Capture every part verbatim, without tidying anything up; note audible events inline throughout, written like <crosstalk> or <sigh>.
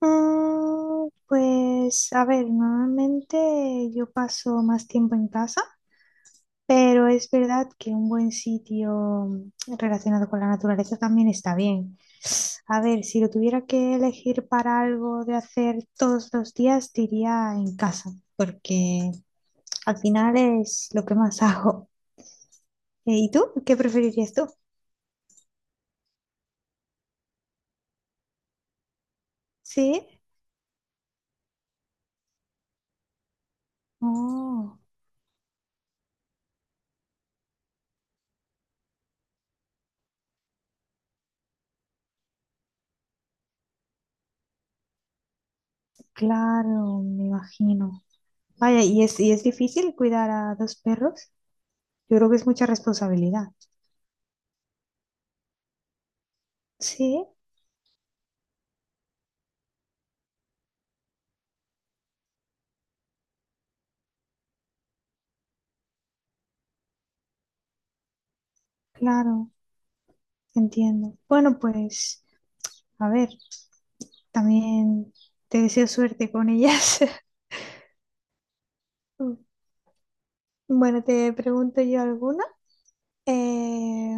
Mm, Pues a ver, normalmente yo paso más tiempo en casa, pero es verdad que un buen sitio relacionado con la naturaleza también está bien. A ver, si lo tuviera que elegir para algo de hacer todos los días, diría en casa, porque al final es lo que más <laughs> hago. Eh, ¿Y tú? ¿Qué preferirías tú? Sí. Oh, claro, me imagino. Vaya, ¿y es, ¿y es difícil cuidar a dos perros? Yo creo que es mucha responsabilidad. Sí, claro, entiendo. Bueno, pues, a ver, también te deseo suerte con ellas. <laughs> Bueno, te pregunto yo alguna. Eh,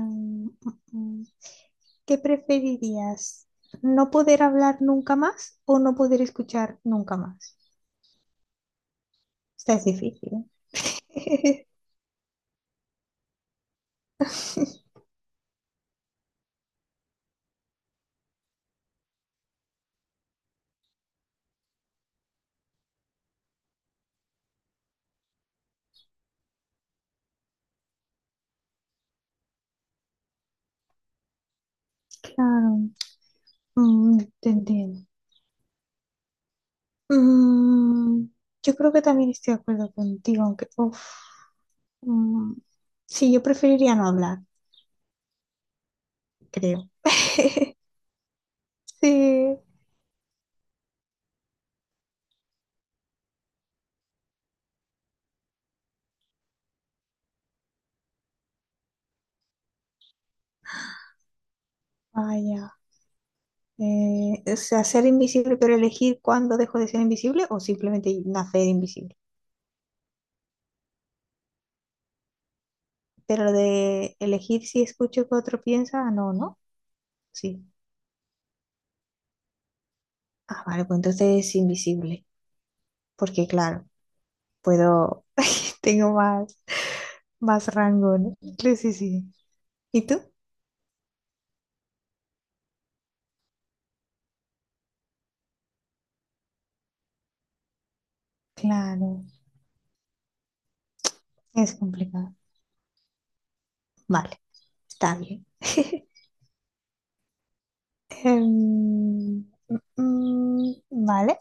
mm, mm, ¿Qué preferirías? ¿No poder hablar nunca más o no poder escuchar nunca más? Esta es difícil. ¿Eh? <laughs> Claro, mm, te entiendo. Mm, yo creo que también estoy de acuerdo contigo, aunque, uf, Mm, sí, yo preferiría no hablar, creo. <laughs> Sí, vaya. Eh, o sea, ser invisible, pero elegir cuándo dejo de ser invisible o simplemente nacer invisible. Pero lo de elegir si escucho que otro piensa, ah, no, ¿no? Sí. Ah, vale, pues entonces es invisible. Porque claro, puedo, <laughs> tengo más, más rango, ¿no? Sí, sí, sí. ¿Y tú? Claro, es complicado. Vale, está bien. <laughs> Em, mm, vale.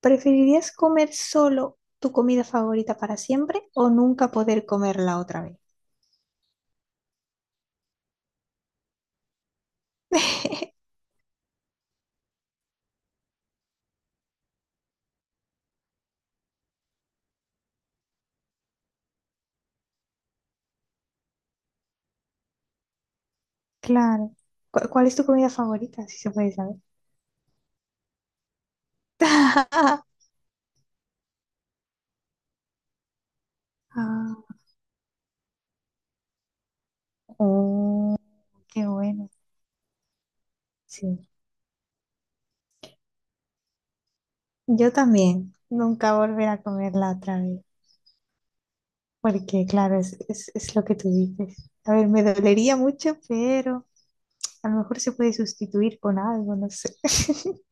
¿Preferirías comer solo tu comida favorita para siempre o nunca poder comerla otra vez? <laughs> Claro. ¿Cu- ¿Cuál es tu comida favorita? Si se puede saber. <laughs> Ah, oh, qué bueno. Sí. Yo también. Nunca volver a comerla otra vez. Porque, claro, es, es, es lo que tú dices. A ver, me dolería mucho, pero a lo mejor se puede sustituir con algo, no sé. <laughs>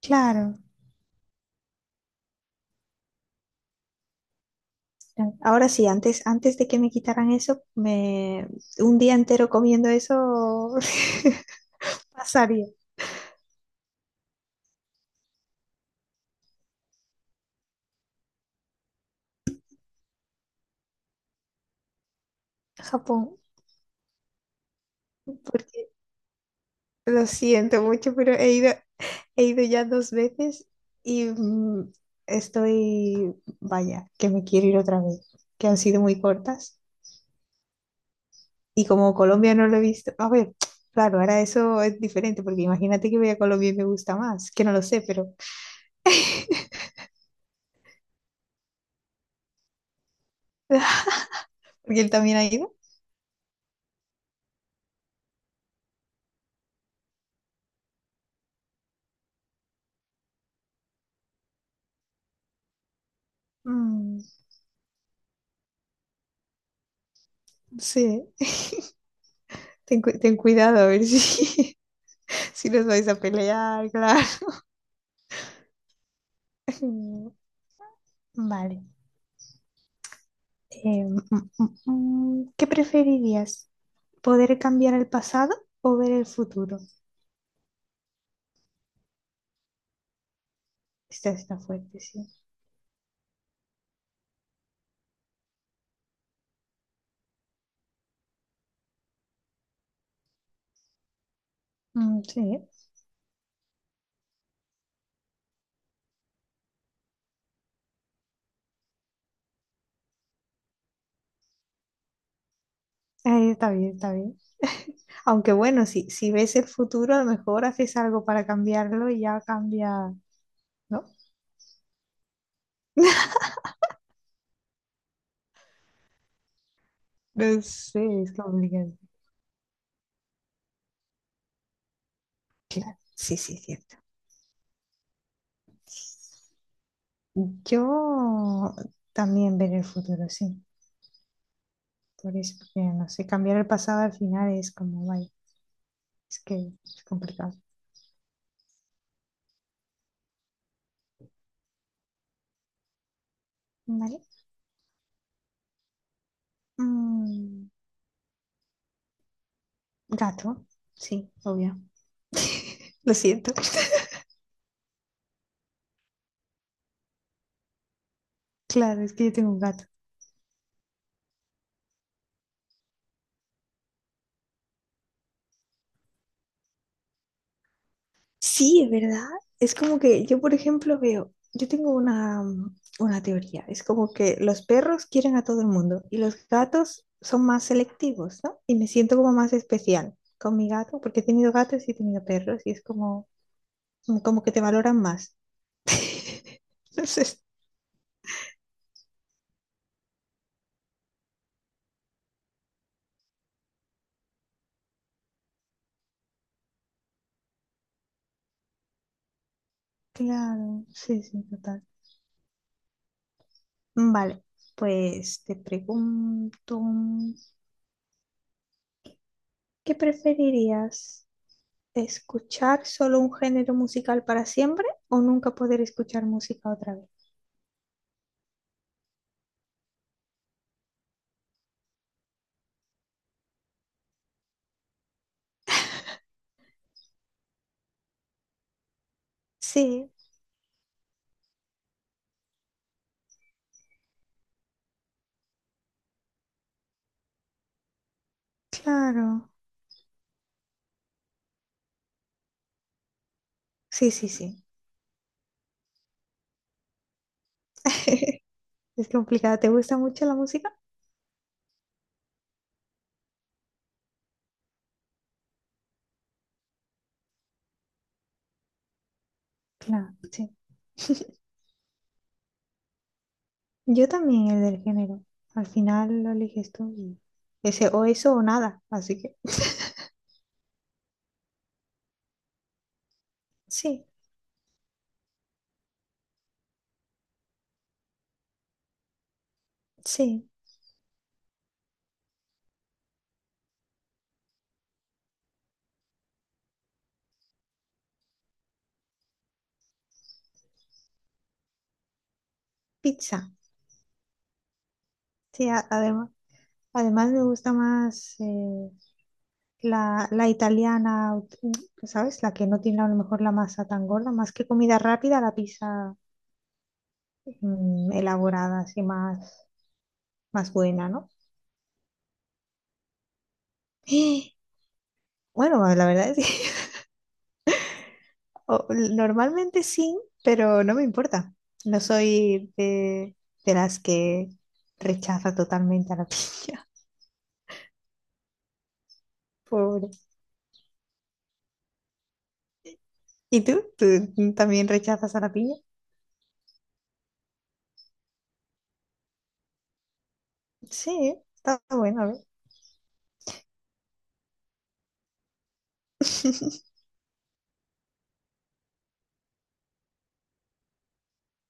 Claro. Ahora sí, antes, antes de que me quitaran eso, me un día entero comiendo eso <laughs> pasaría a Japón, porque lo siento mucho, pero he ido, he ido ya dos veces y mm, estoy, vaya, que me quiero ir otra vez, que han sido muy cortas y como Colombia no lo he visto, a ver, claro, ahora eso es diferente, porque imagínate que voy a Colombia y me gusta más, que no lo sé, pero <laughs> porque él también ha ido. Mm, sí. Ten, cu- ten cuidado a ver si, <laughs> si nos vais a pelear, claro. <laughs> Mm, Vale. Eh, mm, mm, mm, ¿Qué preferirías? ¿Poder cambiar el pasado o ver el futuro? Esta está fuerte, sí. Mm, sí. Eh, está bien, está bien. <laughs> Aunque bueno, si, si ves el futuro, a lo mejor haces algo para cambiarlo y ya cambia, ¿no? No sé, es complicado. Claro, sí, sí, cierto. Yo también ver el futuro, sí. Por eso, porque no sé, cambiar el pasado al final es como, vaya, es que es complicado. ¿Vale? Mm, Gato, sí, obvio. Lo siento. <laughs> Claro, es que yo tengo un gato. Sí, es verdad. Es como que yo, por ejemplo, veo, yo tengo una, mm, una teoría. Es como que los perros quieren a todo el mundo y los gatos son más selectivos, ¿no? Y me siento como más especial con mi gato, porque he tenido gatos y he tenido perros y es como, como que te valoran más. <laughs> No sé, claro, sí, sí, total. Mm, Vale, pues te pregunto, ¿qué preferirías? ¿Escuchar solo un género musical para siempre o nunca poder escuchar música otra vez? Sí, claro. Sí, sí, sí. <laughs> Es complicado. ¿Te gusta mucho la música? Claro, sí. Yo también el del género. Al final lo eliges tú y ese o eso o nada. Así que sí, sí. Pizza. Sí, a- además. Además me gusta más eh, la, la italiana, ¿sabes? La que no tiene a lo mejor la masa tan gorda, más que comida rápida, la pizza mm, elaborada, así más, más buena, ¿no? <gasps> Bueno, la verdad es que <laughs> o- normalmente sí, pero no me importa. No soy de, de las que rechaza totalmente a la <laughs> piña, pobre. ¿Y tú? ¿Tú también rechazas a la piña? Sí, está bueno, a ver. <laughs>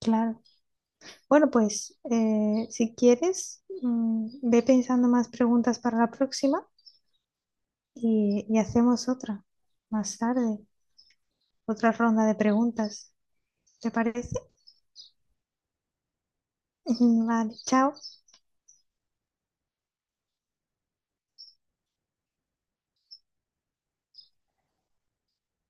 Claro. Bueno, pues eh, si quieres, mm, ve pensando más preguntas para la próxima y, y hacemos otra más tarde, otra ronda de preguntas. ¿Te parece? <laughs> Vale, chao.